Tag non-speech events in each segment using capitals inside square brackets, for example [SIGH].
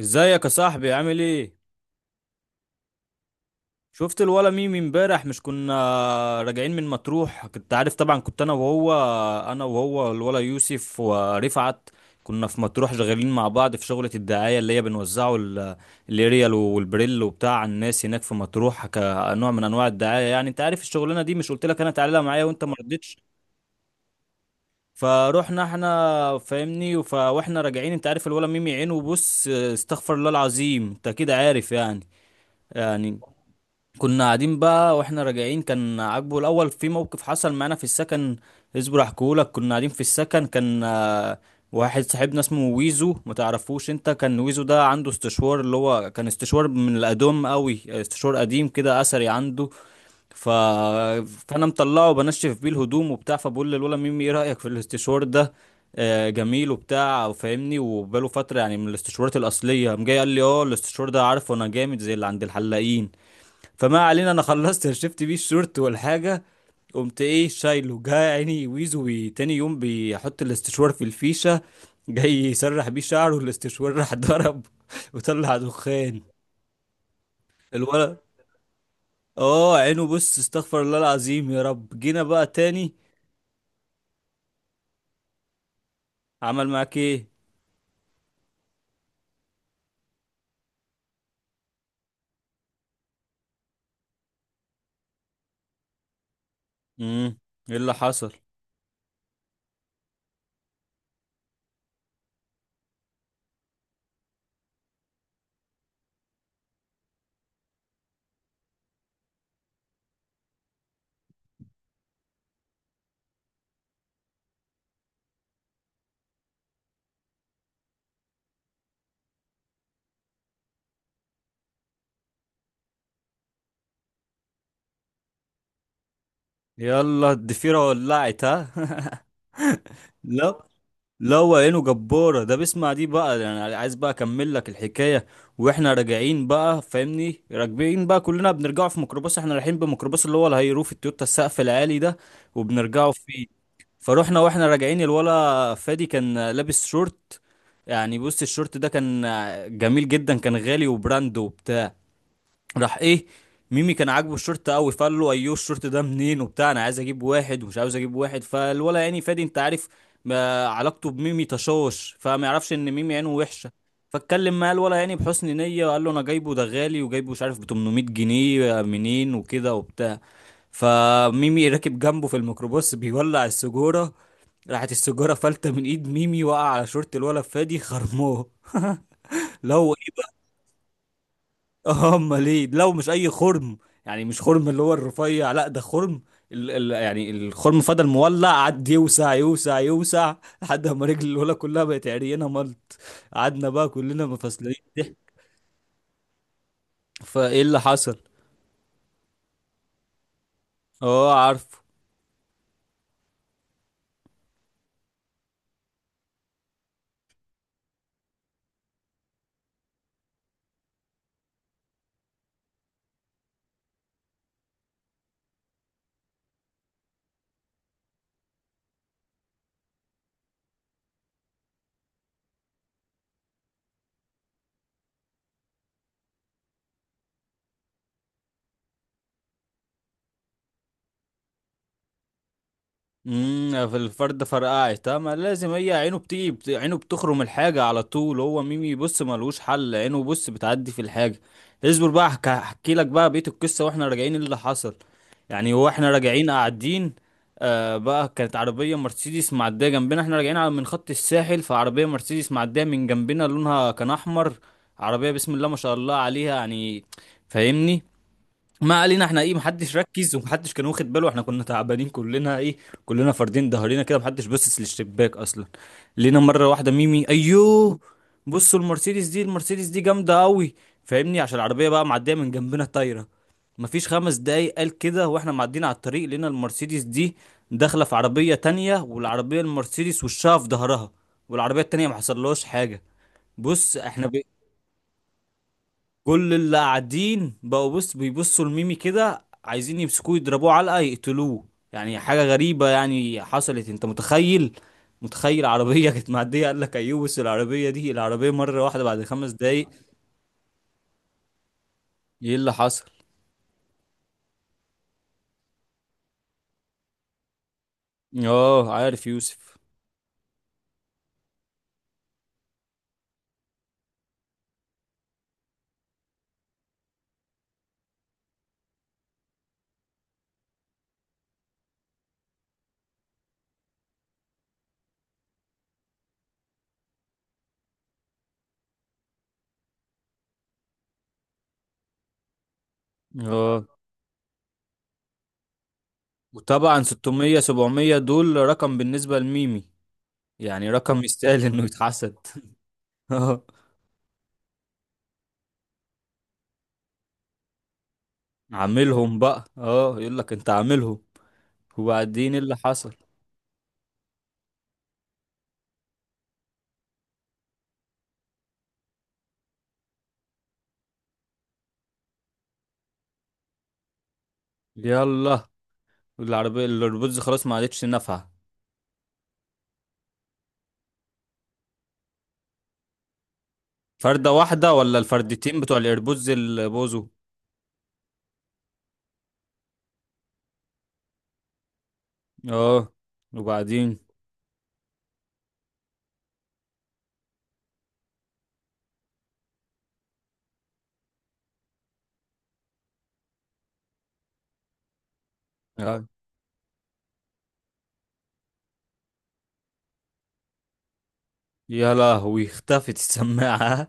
ازيك يا صاحبي؟ عامل ايه؟ شفت الولا ميمي امبارح؟ مش كنا راجعين من مطروح، كنت عارف طبعا. كنت انا وهو، الولا يوسف ورفعت، كنا في مطروح شغالين مع بعض في شغلة الدعاية اللي هي بنوزعه الاريال والبريل وبتاع على الناس هناك في مطروح، كنوع من انواع الدعاية. يعني انت عارف الشغلانة دي، مش قلت لك انا تعالى معايا وانت ما رضيتش؟ فروحنا احنا، فاهمني، واحنا راجعين، انت عارف الولا ميمي عينه بص، استغفر الله العظيم، انت كده عارف يعني. يعني كنا قاعدين بقى واحنا راجعين، كان عاجبه الاول. في موقف حصل معانا في السكن، اصبر احكيهولك. كنا قاعدين في السكن، كان واحد صاحبنا اسمه ويزو، ما تعرفوش انت. كان ويزو ده عنده استشوار، اللي هو كان استشوار من القديم قوي، استشوار قديم كده، اثري عنده. ف... فانا مطلعه بنشف بيه الهدوم وبتاع، فبقول للولا ميمي: ايه رايك في الاستشوار ده؟ جميل وبتاع وفاهمني، وبقاله فتره يعني من الاستشوارات الاصليه. قام جاي قال لي: اه الاستشوار ده، عارفه انا جامد زي اللي عند الحلاقين. فما علينا، انا خلصت [LAUGHS] شفت بيه الشورت والحاجه. قمت ايه شايله، جه عيني ويزو تاني يوم بيحط الاستشوار في الفيشه، جاي يسرح بيه شعره، الاستشوار راح ضرب [LAUGHS] وطلع دخان. الولد، اه عينه بص، استغفر الله العظيم، يا رب. جينا بقى تاني. عمل معاك ايه؟ امم، ايه اللي حصل؟ يلا الضفيره ولعت، ها؟ [LAUGHS] لا، لا هو عينه جبارة، ده بيسمع دي بقى. يعني عايز بقى اكمل لك الحكاية. واحنا راجعين بقى، فاهمني، راكبين بقى كلنا، بنرجعوا في ميكروباص، احنا رايحين بميكروباص اللي هو الهيروف التويوتا، السقف العالي ده، وبنرجعوا فيه. فروحنا واحنا راجعين، الولا فادي كان لابس شورت. يعني بص الشورت ده كان جميل جدا، كان غالي وبراند وبتاع. راح ايه، ميمي كان عاجبه الشورت قوي، فقال له: ايوه الشورت ده منين وبتاع، انا عايز اجيب واحد ومش عاوز اجيب واحد. فالولا يعني فادي، انت عارف ما علاقته بميمي، تشوش، فما يعرفش ان ميمي عينه وحشه. فاتكلم معاه الولا، يعني بحسن نيه، وقال له: انا جايبه ده غالي، وجايبه مش عارف ب 800 جنيه، منين وكده وبتاع. فميمي راكب جنبه في الميكروباص، بيولع السجاره، راحت السجاره فلته من ايد ميمي، وقع على شورت الولا فادي، خرموه [LAUGHS] لو، اه امال ايه؟ لو مش اي خرم، يعني مش خرم اللي هو الرفيع، لا ده خرم ال يعني الخرم فضل مولع، قعد يوسع يوسع يوسع، لحد ما رجل الولا كلها بقت عريانه ملط. قعدنا بقى كلنا مفصلين ضحك. فايه اللي حصل؟ اه عارف. امم، في الفرد فرقعت. ما لازم، هي عينه بتيجي عينه بتخرم الحاجة على طول. هو ميمي بص ملوش حل، عينه بص بتعدي في الحاجة. اصبر بقى، هحكي لك بقى بقية القصة، واحنا راجعين اللي حصل. يعني هو احنا راجعين قاعدين، آه بقى، كانت عربية مرسيدس معدية جنبنا، احنا راجعين على من خط الساحل، فعربية مرسيدس معدية من جنبنا، لونها كان احمر، عربية بسم الله ما شاء الله عليها يعني، فاهمني. ما علينا، احنا ايه، محدش ركز ومحدش كان واخد باله، احنا كنا تعبانين كلنا، ايه، كلنا فاردين ظهرنا كده، محدش باصص للشباك اصلا. لقينا مره واحده ميمي: ايوه بصوا المرسيدس دي، المرسيدس دي جامده قوي. فاهمني، عشان العربيه بقى معديه من جنبنا طايره. مفيش 5 دقايق قال كده، واحنا معديين على الطريق، لقينا المرسيدس دي داخله في عربيه تانية، والعربيه المرسيدس وشها في ظهرها، والعربيه التانية ما حصلهاش حاجه. بص احنا كل اللي قاعدين بقوا بص بيبصوا لميمي كده، عايزين يمسكوه يضربوه علقة يقتلوه. يعني حاجة غريبة يعني حصلت، انت متخيل؟ متخيل عربية كانت معدية، قال لك ايوه بس العربية دي، العربية مرة واحدة بعد 5 دقايق. ايه اللي حصل؟ اه عارف يوسف. اه وطبعا 600 700 دول رقم بالنسبة لميمي، يعني رقم يستاهل انه يتحسد. [LAUGHS] اه. عاملهم بقى، اه يقول لك انت عاملهم. وبعدين إيه اللي حصل؟ يلا، العربية، الايربودز خلاص ما عادتش نافعة. فردة واحدة ولا الفردتين بتوع الايربودز اللي بوظوا؟ اه، وبعدين؟ آه. يا لهوي، اختفت السماعة.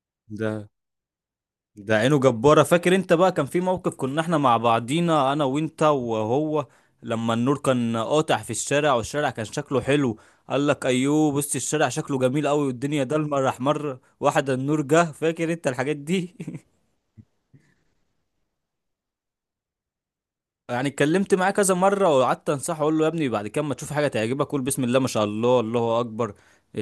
[LAUGHS] ده ده عينه جبارة. فاكر انت بقى؟ كان في موقف كنا احنا مع بعضينا انا وانت وهو، لما النور كان قاطع في الشارع، والشارع كان شكله حلو، قال لك: ايوه بص الشارع شكله جميل قوي، والدنيا ضلمه، راح مره واحدة النور جه. فاكر انت الحاجات دي؟ [LAUGHS] يعني اتكلمت معاه كذا مرة، وقعدت انصحه، اقول له: يا ابني بعد كده ما تشوف حاجة تعجبك قول بسم الله ما شاء الله، الله اكبر.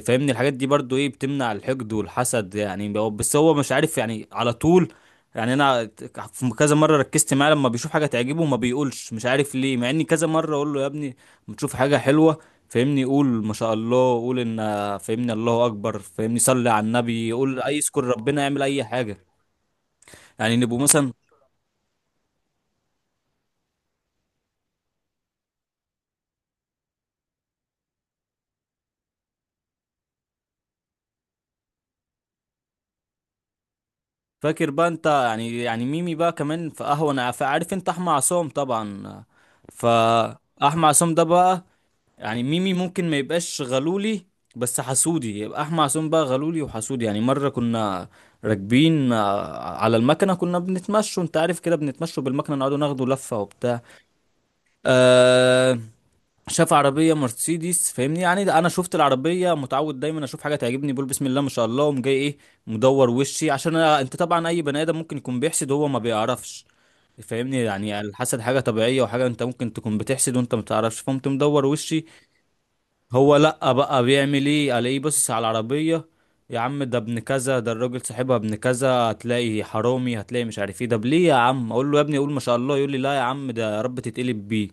فاهمني، الحاجات دي برضو ايه بتمنع الحقد والحسد. يعني هو- بس هو مش عارف يعني على طول. يعني انا في كذا مرة ركزت معاه، لما بيشوف حاجة تعجبه ما بيقولش، مش عارف ليه، مع اني كذا مرة اقول له: يا ابني ما تشوف حاجة حلوة، فاهمني، قول ما شاء الله، قول ان، فاهمني، الله اكبر، فاهمني، صلي على النبي، قول اي، اذكر ربنا، يعمل اي حاجة. يعني نبقوا مثلا. فاكر بقى انت؟ يعني ميمي بقى كمان في قهوة. انا، عارف انت احمد عصام طبعا؟ فاحمد عصام ده بقى، يعني ميمي ممكن ما يبقاش غلولي بس حسودي، يبقى احمد عصام بقى غلولي وحسودي. يعني مرة كنا راكبين على المكنة، كنا بنتمشوا، انت عارف كده، بنتمشوا بالمكنة، نقعدوا ناخدوا لفة وبتاع. أه، شاف عربية مرسيدس، فاهمني. يعني ده انا شفت العربية، متعود دايما اشوف حاجة تعجبني بقول بسم الله ما شاء الله، وقوم جاي ايه، مدور وشي عشان أنا، انت طبعا اي بني ادم ممكن يكون بيحسد وهو ما بيعرفش. فاهمني، يعني الحسد حاجة طبيعية، وحاجة انت ممكن تكون بتحسد وانت ما تعرفش، فقمت مدور وشي. هو لأ بقى بيعمل ايه؟ على ايه؟ بص على العربية، يا عم ده ابن كذا، ده الراجل صاحبها ابن كذا، هتلاقي حرامي، هتلاقي مش عارف ايه. ده ليه يا عم؟ اقول له يا ابني اقول ما شاء الله، يقول لي: لا يا عم ده يا رب تتقلب بيه.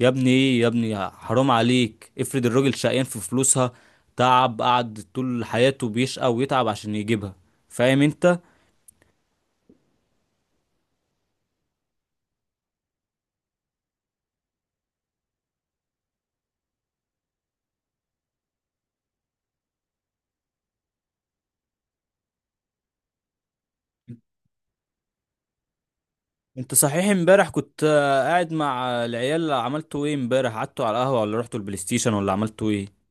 يا ابني ايه؟ يا ابني حرام عليك، افرض الراجل شقيان في فلوسها، تعب، قعد طول حياته بيشقى ويتعب عشان يجيبها. فاهم انت؟ انت صحيح امبارح كنت قاعد مع العيال، عملتوا ايه امبارح؟ قعدتوا على القهوة ولا رحتوا البلاي ستيشن ولا عملتوا ايه؟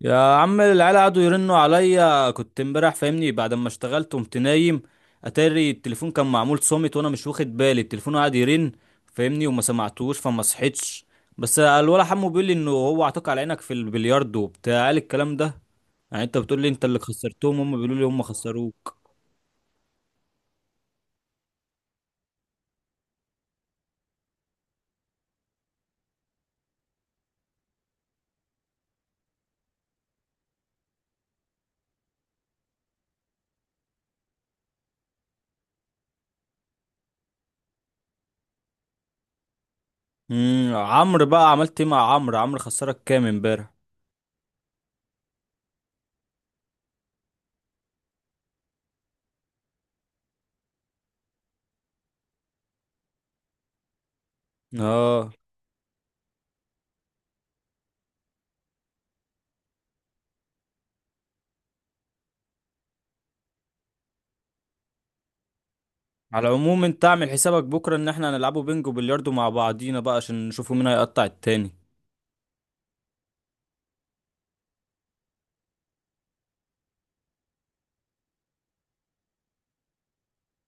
يا عم العيال قعدوا يرنوا عليا، كنت امبارح، فاهمني، بعد ما اشتغلت قمت نايم. اتاري التليفون كان معمول صامت، وانا مش واخد بالي، التليفون قعد يرن، فاهمني، وما سمعتوش فما صحيتش. بس الولا حمو بيقول لي انه هو عطاك على عينك في البلياردو وبتاع، قال الكلام ده. يعني انت بتقول لي انت اللي خسرتهم، هم بيقولوا لي هم خسروك. امم، عمرو بقى، عملت ايه مع عمرو؟ عمرو خسرك كام امبارح؟ اه. على العموم، انت اعمل حسابك بكره ان احنا هنلعبوا بينجو بلياردو مع بعضينا بقى، عشان نشوفوا مين هيقطع التاني.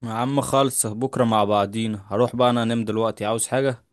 يا عم خالص، بكرة مع بعضينا. هروح بقى انا انام دلوقتي، عاوز حاجة؟